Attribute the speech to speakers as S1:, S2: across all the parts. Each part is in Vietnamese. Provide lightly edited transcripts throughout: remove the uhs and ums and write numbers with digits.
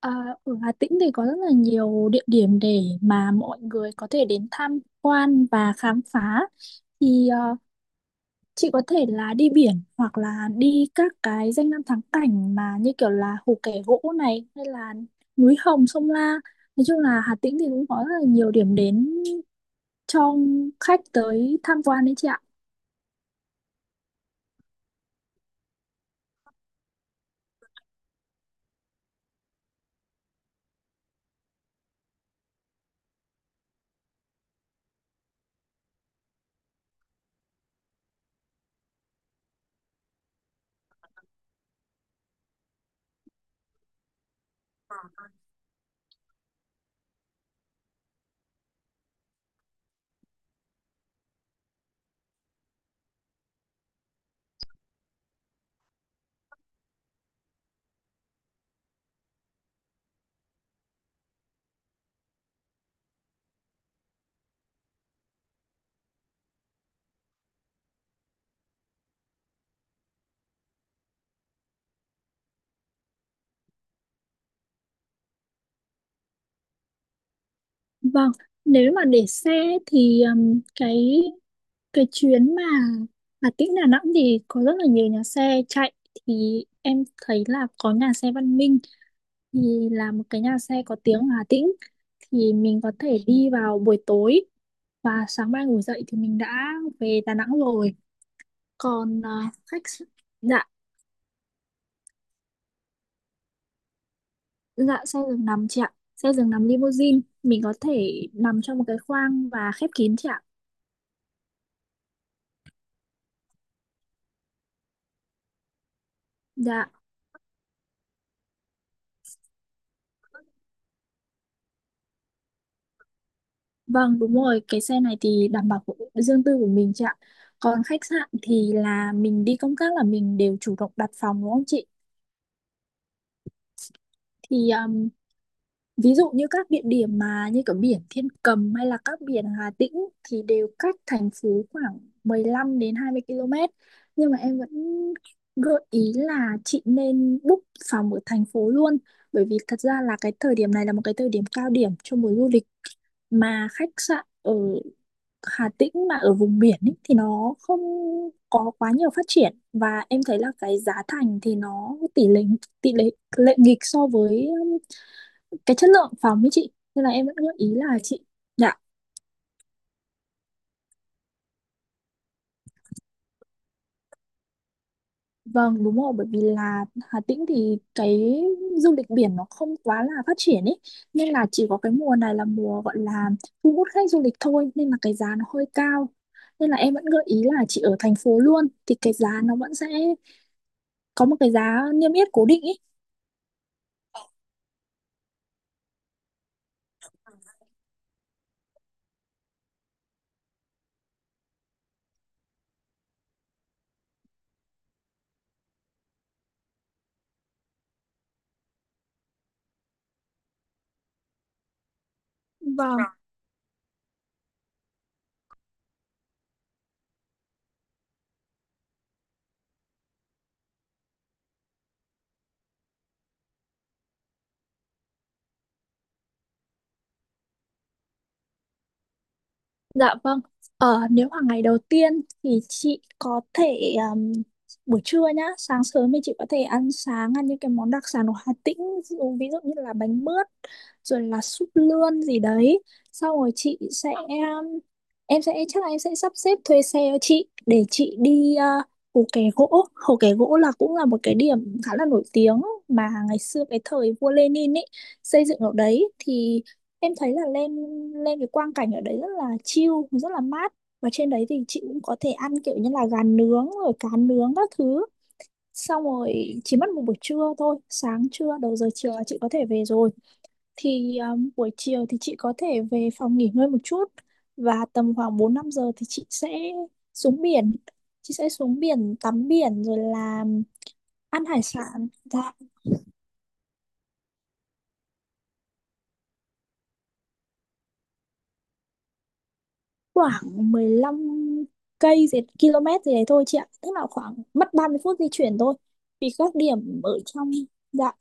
S1: À, ở Hà Tĩnh thì có rất là nhiều địa điểm để mà mọi người có thể đến tham quan và khám phá. Thì chị có thể là đi biển hoặc là đi các cái danh lam thắng cảnh mà như kiểu là Hồ Kẻ Gỗ này hay là núi Hồng, Sông La. Nói chung là Hà Tĩnh thì cũng có rất là nhiều điểm đến cho khách tới tham quan đấy chị ạ. Vâng, nếu mà để xe thì cái chuyến mà Hà Tĩnh Đà Nẵng thì có rất là nhiều nhà xe chạy, thì em thấy là có nhà xe Văn Minh, thì là một cái nhà xe có tiếng ở Hà Tĩnh. Thì mình có thể đi vào buổi tối và sáng mai ngủ dậy thì mình đã về Đà Nẵng rồi. Còn khách s- dạ. Dạ, xe giường nằm chị ạ, xe giường nằm limousine, mình có thể nằm trong một cái khoang và khép kín chị ạ. Dạ vâng, đúng rồi, cái xe này thì đảm bảo của riêng tư của mình chị ạ. Còn khách sạn thì là mình đi công tác là mình đều chủ động đặt phòng đúng không chị? Thì ví dụ như các địa điểm mà như kiểu biển Thiên Cầm hay là các biển Hà Tĩnh thì đều cách thành phố khoảng 15 đến 20 km. Nhưng mà em vẫn gợi ý là chị nên book phòng ở thành phố luôn. Bởi vì thật ra là cái thời điểm này là một cái thời điểm cao điểm cho mùa du lịch, mà khách sạn ở Hà Tĩnh mà ở vùng biển ý, thì nó không có quá nhiều phát triển, và em thấy là cái giá thành thì nó tỷ lệ lệ nghịch so với cái chất lượng phòng ấy chị, nên là em vẫn gợi ý là chị. Dạ vâng đúng rồi, bởi vì là Hà Tĩnh thì cái du lịch biển nó không quá là phát triển ấy, nên là chỉ có cái mùa này là mùa gọi là thu hút khách du lịch thôi, nên là cái giá nó hơi cao, nên là em vẫn gợi ý là chị ở thành phố luôn thì cái giá nó vẫn sẽ có một cái giá niêm yết cố định ý. Vâng, dạ vâng. Nếu mà ngày đầu tiên thì chị có thể, buổi trưa nhá, sáng sớm thì chị có thể ăn sáng, ăn những cái món đặc sản của Hà Tĩnh, ví dụ như là bánh mướt, rồi là súp lươn gì đấy. Sau rồi chị sẽ, em sẽ, chắc là em sẽ sắp xếp thuê xe cho chị để chị đi, Hồ Kẻ Gỗ. Hồ Kẻ Gỗ là cũng là một cái điểm khá là nổi tiếng mà ngày xưa cái thời vua Lenin ấy xây dựng ở đấy. Thì em thấy là lên lên cái quang cảnh ở đấy rất là chill, rất là mát, và trên đấy thì chị cũng có thể ăn kiểu như là gà nướng rồi cá nướng các thứ. Xong rồi chỉ mất một buổi trưa thôi, sáng trưa đầu giờ chiều là chị có thể về rồi. Thì buổi chiều thì chị có thể về phòng nghỉ ngơi một chút, và tầm khoảng 4 5 giờ thì chị sẽ xuống biển, chị sẽ xuống biển tắm biển rồi là ăn hải sản. Dạ, khoảng 15 cây gì km gì đấy thôi chị ạ, tức là khoảng mất 30 phút di chuyển thôi, vì các điểm ở trong. Dạ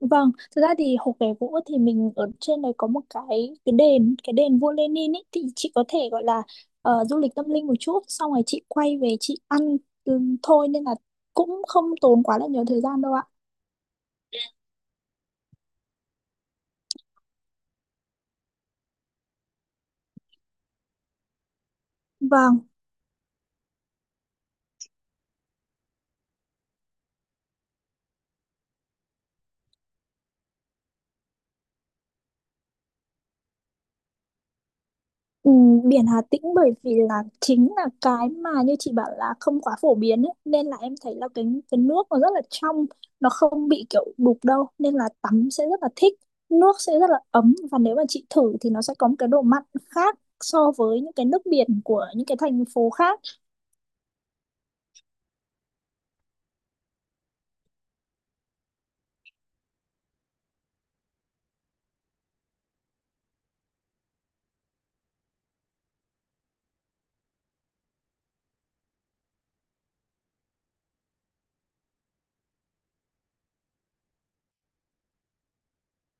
S1: vâng, thực ra thì Hồ Kẻ Gỗ thì mình ở trên đấy có một cái cái đền vua Lenin ấy, thì chị có thể gọi là du lịch tâm linh một chút, xong rồi chị quay về chị ăn thôi, nên là cũng không tốn quá là nhiều thời gian đâu ạ. Vâng. Ừ, biển Hà Tĩnh bởi vì là chính là cái mà như chị bảo là không quá phổ biến ấy. Nên là em thấy là cái nước nó rất là trong, nó không bị kiểu đục đâu, nên là tắm sẽ rất là thích, nước sẽ rất là ấm, và nếu mà chị thử thì nó sẽ có một cái độ mặn khác so với những cái nước biển của những cái thành phố khác.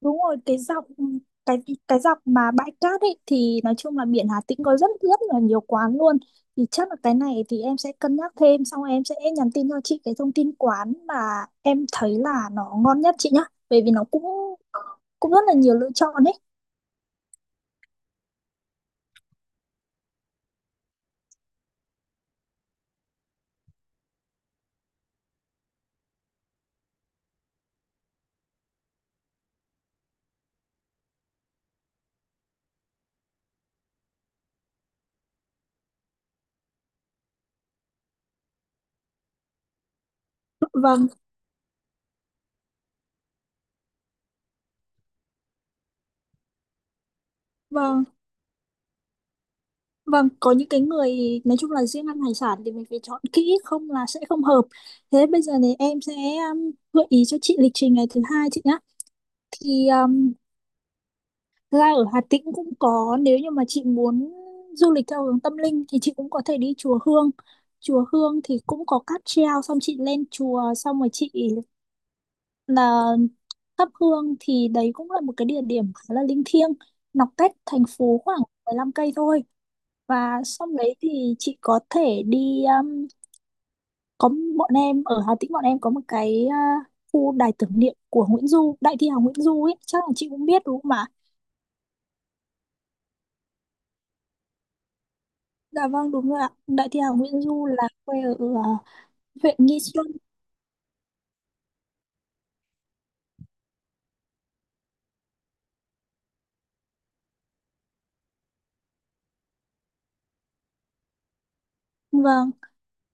S1: Đúng rồi, cái cái dọc mà bãi cát ấy thì nói chung là biển Hà Tĩnh có rất rất là nhiều quán luôn. Thì chắc là cái này thì em sẽ cân nhắc thêm, xong em sẽ nhắn tin cho chị cái thông tin quán mà em thấy là nó ngon nhất chị nhá. Bởi vì nó cũng cũng rất là nhiều lựa chọn ấy. Vâng, vâng, vâng, có những cái người nói chung là riêng ăn hải sản thì mình phải chọn kỹ, không là sẽ không hợp. Thế bây giờ thì em sẽ, gợi ý cho chị lịch trình ngày thứ hai chị nhá. Thì thực ra ở Hà Tĩnh cũng có, nếu như mà chị muốn du lịch theo hướng tâm linh thì chị cũng có thể đi chùa Hương. Chùa Hương thì cũng có cáp treo, xong chị lên chùa xong rồi chị là thắp hương, thì đấy cũng là một cái địa điểm khá là linh thiêng, nó cách thành phố khoảng 15 cây thôi. Và xong đấy thì chị có thể đi, có, bọn em ở Hà Tĩnh bọn em có một cái, khu đài tưởng niệm của Nguyễn Du, đại thi hào Nguyễn Du ấy, chắc là chị cũng biết đúng không? Dạ vâng đúng rồi ạ. Đại thi hào Nguyễn Du là quê ở, à, huyện Nghi Xuân. Vâng,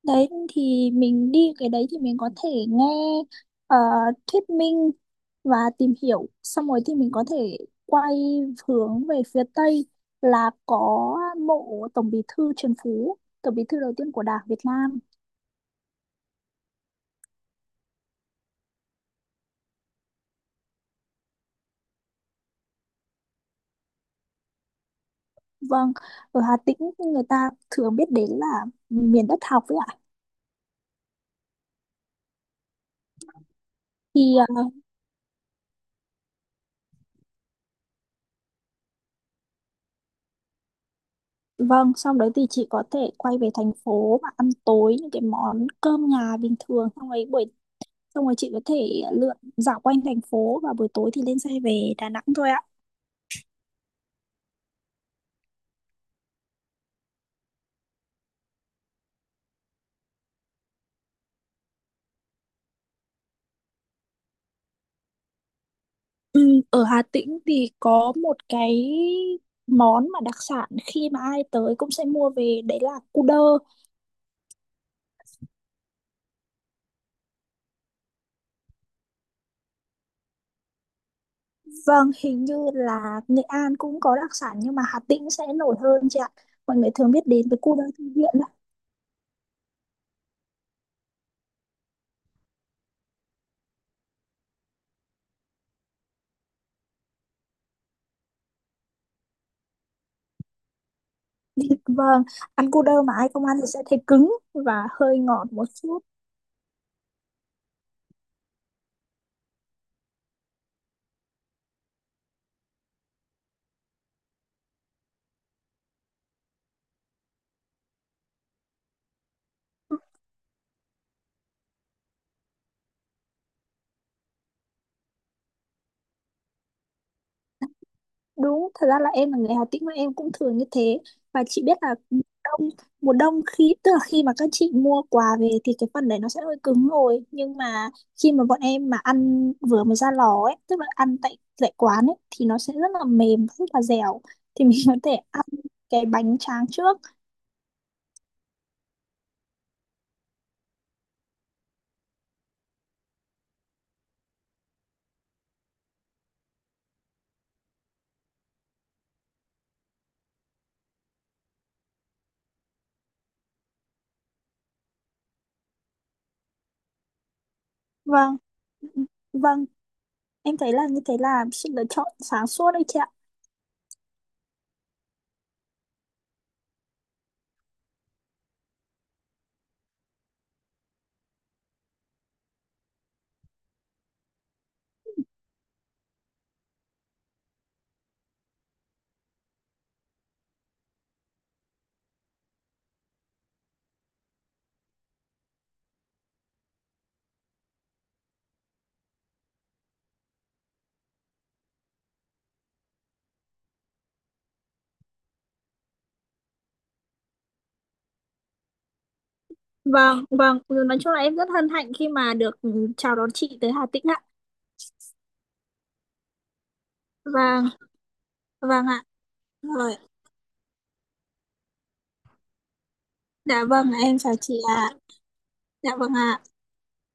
S1: đấy thì mình đi cái đấy thì mình có thể nghe ờ, thuyết minh và tìm hiểu. Xong rồi thì mình có thể quay hướng về phía Tây là có mộ Tổng Bí thư Trần Phú, Tổng Bí thư đầu tiên của Đảng Việt Nam. Vâng, ở Hà Tĩnh người ta thường biết đến là miền đất học ấy ạ. Thì ờ, vâng, xong đấy thì chị có thể quay về thành phố và ăn tối những cái món cơm nhà bình thường, xong rồi buổi, xong rồi chị có thể lượn dạo quanh thành phố, và buổi tối thì lên xe về Đà Nẵng thôi ạ. Ừ, ở Hà Tĩnh thì có một cái món mà đặc sản khi mà ai tới cũng sẽ mua về đấy là cu đơ. Vâng, hình như là Nghệ An cũng có đặc sản nhưng mà Hà Tĩnh sẽ nổi hơn chị ạ. Mọi người thường biết đến với cu đơ thư viện là vâng, ăn cu đơ mà ai không ăn thì sẽ thấy cứng và hơi ngọt một chút. Đúng, thật ra là em là người Hà Tĩnh mà em cũng thường như thế. Và chị biết là, ừ, đông, mùa đông khi, tức là khi mà các chị mua quà về thì cái phần đấy nó sẽ hơi cứng rồi. Nhưng mà khi mà bọn em mà ăn vừa mới ra lò ấy, tức là ăn tại tại quán ấy thì nó sẽ rất là mềm, rất là dẻo. Thì mình có thể ăn cái bánh tráng trước. Vâng, vâng, em thấy là như thế là sự lựa chọn sáng suốt đấy chị ạ. Vâng, vâng, ừ, nói chung là em rất hân hạnh khi mà được chào đón chị tới Hà Tĩnh ạ. Vâng, vâng ạ. Rồi. Dạ vâng, em chào chị ạ. Dạ vâng ạ.